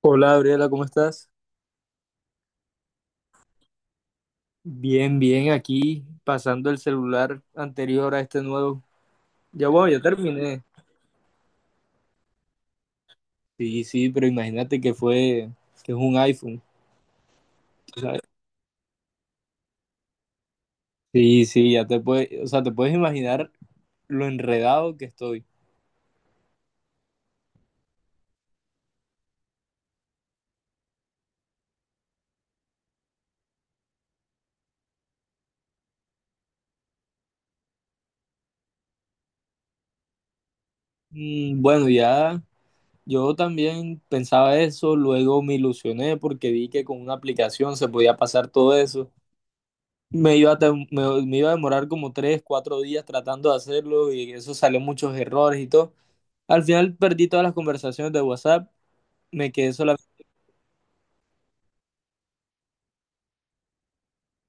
Hola Gabriela, ¿cómo estás? Bien, bien, aquí pasando el celular anterior a este nuevo. Ya bueno, ya terminé. Sí, sí, pero imagínate que es un iPhone, tú ¿sabes? Sí, sí, ya te puedes, o sea, te puedes imaginar lo enredado que estoy. Mm, bueno, ya yo también pensaba eso, luego me ilusioné porque vi que con una aplicación se podía pasar todo eso. Me iba a demorar como 3, 4 días tratando de hacerlo y eso salió muchos errores y todo. Al final perdí todas las conversaciones de WhatsApp, me quedé solamente...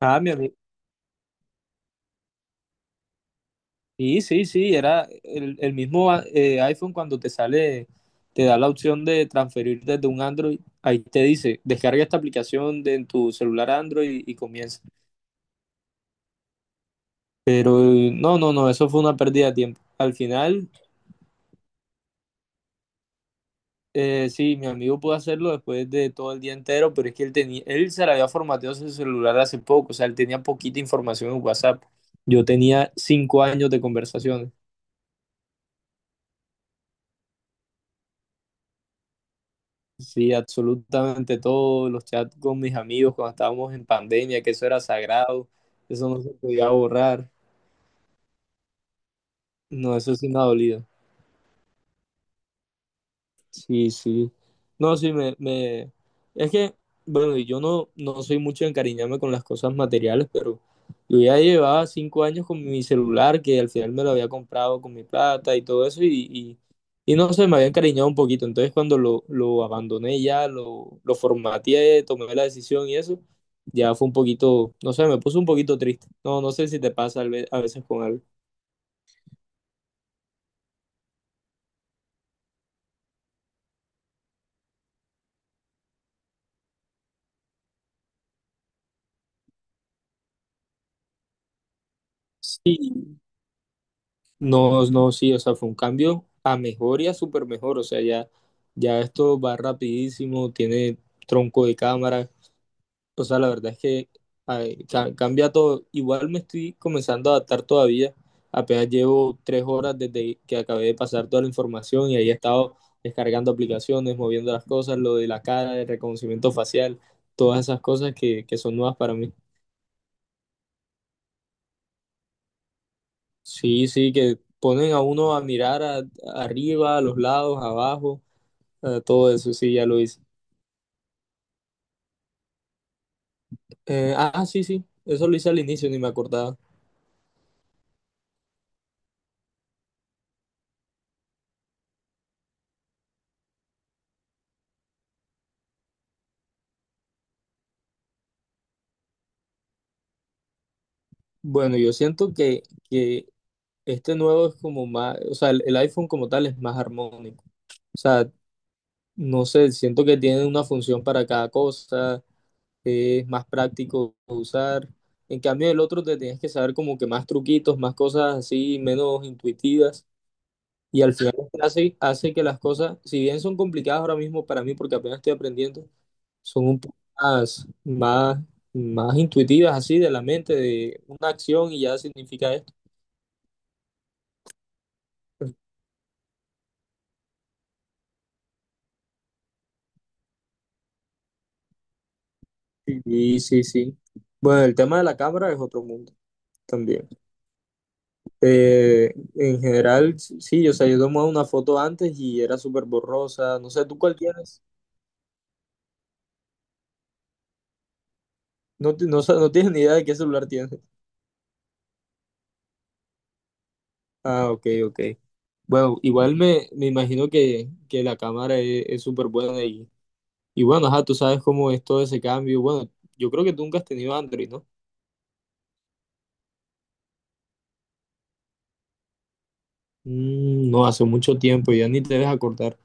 Ah, mi amigo. Sí, sí, sí, era el mismo iPhone cuando te sale, te da la opción de transferir desde un Android, ahí te dice, descarga esta aplicación en tu celular Android y, comienza. Pero no, no, no, eso fue una pérdida de tiempo. Al final, sí, mi amigo pudo hacerlo después de todo el día entero, pero es que él se le había formateado su celular hace poco, o sea, él tenía poquita información en WhatsApp. Yo tenía 5 años de conversaciones. Sí, absolutamente todos los chats con mis amigos cuando estábamos en pandemia, que eso era sagrado, eso no se podía borrar. No, eso sí me ha dolido. Sí, sí. No, sí, me... Es que, bueno, y yo no soy mucho de encariñarme con las cosas materiales, pero yo ya llevaba 5 años con mi celular, que al final me lo había comprado con mi plata y todo eso, y no sé, me había encariñado un poquito. Entonces, cuando lo abandoné ya, lo formateé, tomé la decisión y eso ya fue un poquito, no sé, me puso un poquito triste. No, no sé si te pasa a veces con algo. Sí, no, no, sí, o sea, fue un cambio a mejor y a súper mejor, o sea, ya, ya esto va rapidísimo, tiene tronco de cámara, o sea, la verdad es que ay, cambia todo. Igual me estoy comenzando a adaptar todavía, apenas llevo 3 horas desde que acabé de pasar toda la información y ahí he estado descargando aplicaciones, moviendo las cosas, lo de la cara, el reconocimiento facial, todas esas cosas que son nuevas para mí. Sí, sí, que ponen a uno a mirar arriba, a los lados, abajo, a todo eso, sí, ya lo hice. Ah, sí, sí, eso lo hice al inicio, ni me acordaba. Bueno, yo siento que este nuevo es como más, o sea, el iPhone como tal es más armónico. O sea, no sé, siento que tiene una función para cada cosa, es más práctico de usar. En cambio, el otro te tienes que saber como que más truquitos, más cosas así, menos intuitivas. Y al final esto hace que las cosas, si bien son complicadas ahora mismo para mí, porque apenas estoy aprendiendo, son un poco más, más, más intuitivas así de la mente, de una acción y ya significa esto. Sí, sí, sí. Bueno, el tema de la cámara es otro mundo también. En general, sí, o sea, yo tomaba una foto antes y era súper borrosa. No sé, ¿tú cuál tienes? No, no, no tienes ni idea de qué celular tienes. Ah, ok, ok. Bueno, igual me imagino que la cámara es súper buena y, bueno, ajá, tú sabes cómo es todo ese cambio. Bueno, yo creo que tú nunca has tenido Android, ¿no? Mm, no, hace mucho tiempo, ya ni te dejas acordar.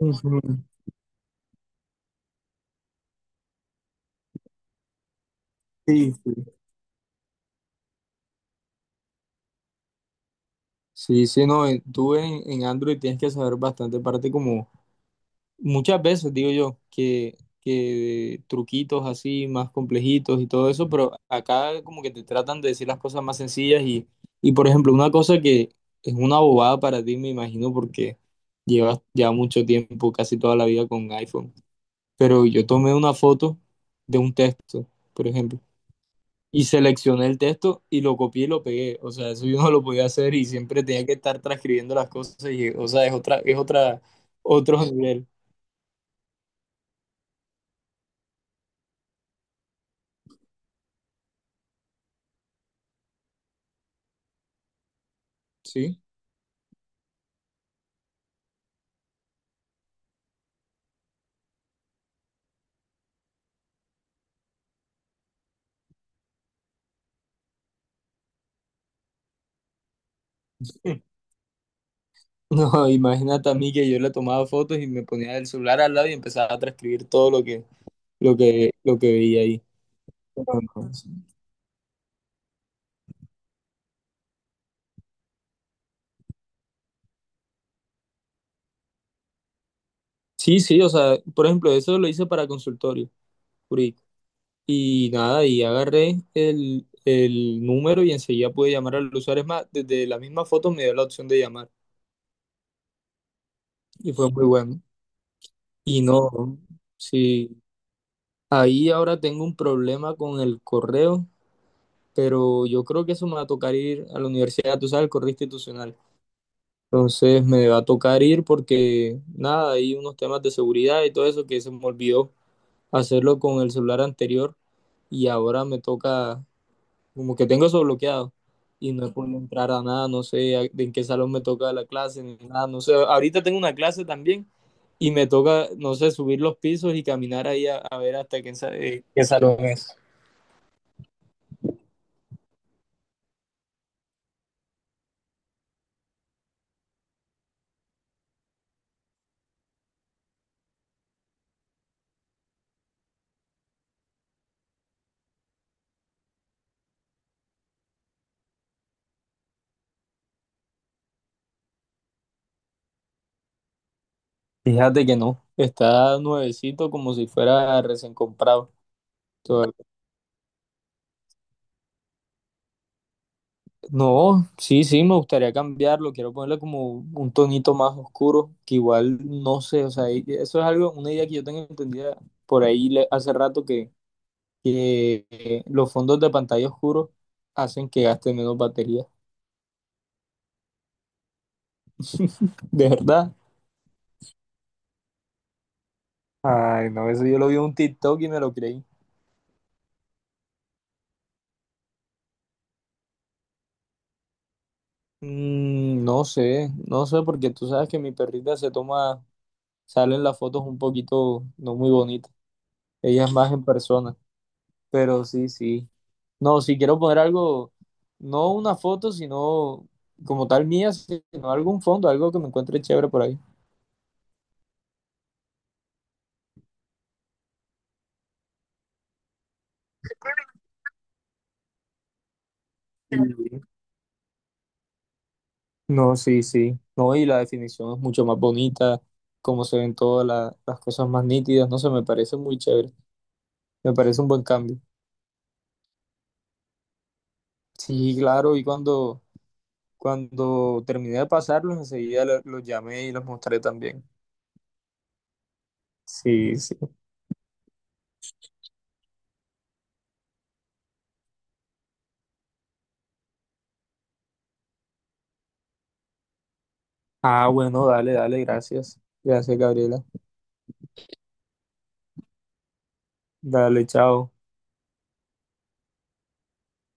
Ujú. Sí, sí. Sí, sí, no, tú en Android tienes que saber bastante parte, como muchas veces digo yo que truquitos así más complejitos y todo eso, pero acá como que te tratan de decir las cosas más sencillas y por ejemplo, una cosa que es una bobada para ti, me imagino, porque llevas ya mucho tiempo, casi toda la vida con iPhone, pero yo tomé una foto de un texto, por ejemplo, y seleccioné el texto y lo copié y lo pegué, o sea, eso yo no lo podía hacer y siempre tenía que estar transcribiendo las cosas y, o sea, otro nivel, ¿sí? No, imagínate a mí que yo le tomaba fotos y me ponía el celular al lado y empezaba a transcribir todo lo que veía ahí. Sí, sí, o sea, por ejemplo, eso lo hice para consultorio jurídico. Y nada, y agarré el número y enseguida pude llamar al usuario. Es más, desde la misma foto me dio la opción de llamar y fue muy bueno. Y no, sí, ahí ahora tengo un problema con el correo, pero yo creo que eso me va a tocar ir a la universidad, tú sabes, el correo institucional. Entonces me va a tocar ir porque nada, hay unos temas de seguridad y todo eso que se me olvidó hacerlo con el celular anterior y ahora me toca, como que tengo eso bloqueado y no he podido entrar a nada, no sé de en qué salón me toca la clase ni nada, no sé. Ahorita tengo una clase también y me toca, no sé, subir los pisos y caminar ahí a ver hasta qué salón es. Fíjate que no, está nuevecito como si fuera recién comprado. No, sí, sí, me gustaría cambiarlo. Quiero ponerle como un tonito más oscuro, que igual no sé, o sea, eso es algo, una idea que yo tengo entendida por ahí hace rato que los fondos de pantalla oscuros hacen que gaste menos batería. De verdad. Ay, no, eso yo lo vi en un TikTok y me lo creí. Mm, no sé, no sé, porque tú sabes que mi perrita se toma, salen las fotos un poquito no muy bonitas. Ella es más en persona. Pero sí, sí. No, si quiero poner algo, no una foto, sino como tal mía, sino algún fondo, algo que me encuentre chévere por ahí. Mm. No, sí, sí. No, y la definición es mucho más bonita, como se ven todas las cosas más nítidas, no sé, me parece muy chévere. Me parece un buen cambio. Sí, claro, y cuando terminé de pasarlos, enseguida los llamé y los mostré también. Sí, sí. Ah, bueno, dale, dale, gracias. Gracias, Gabriela. Dale, chao.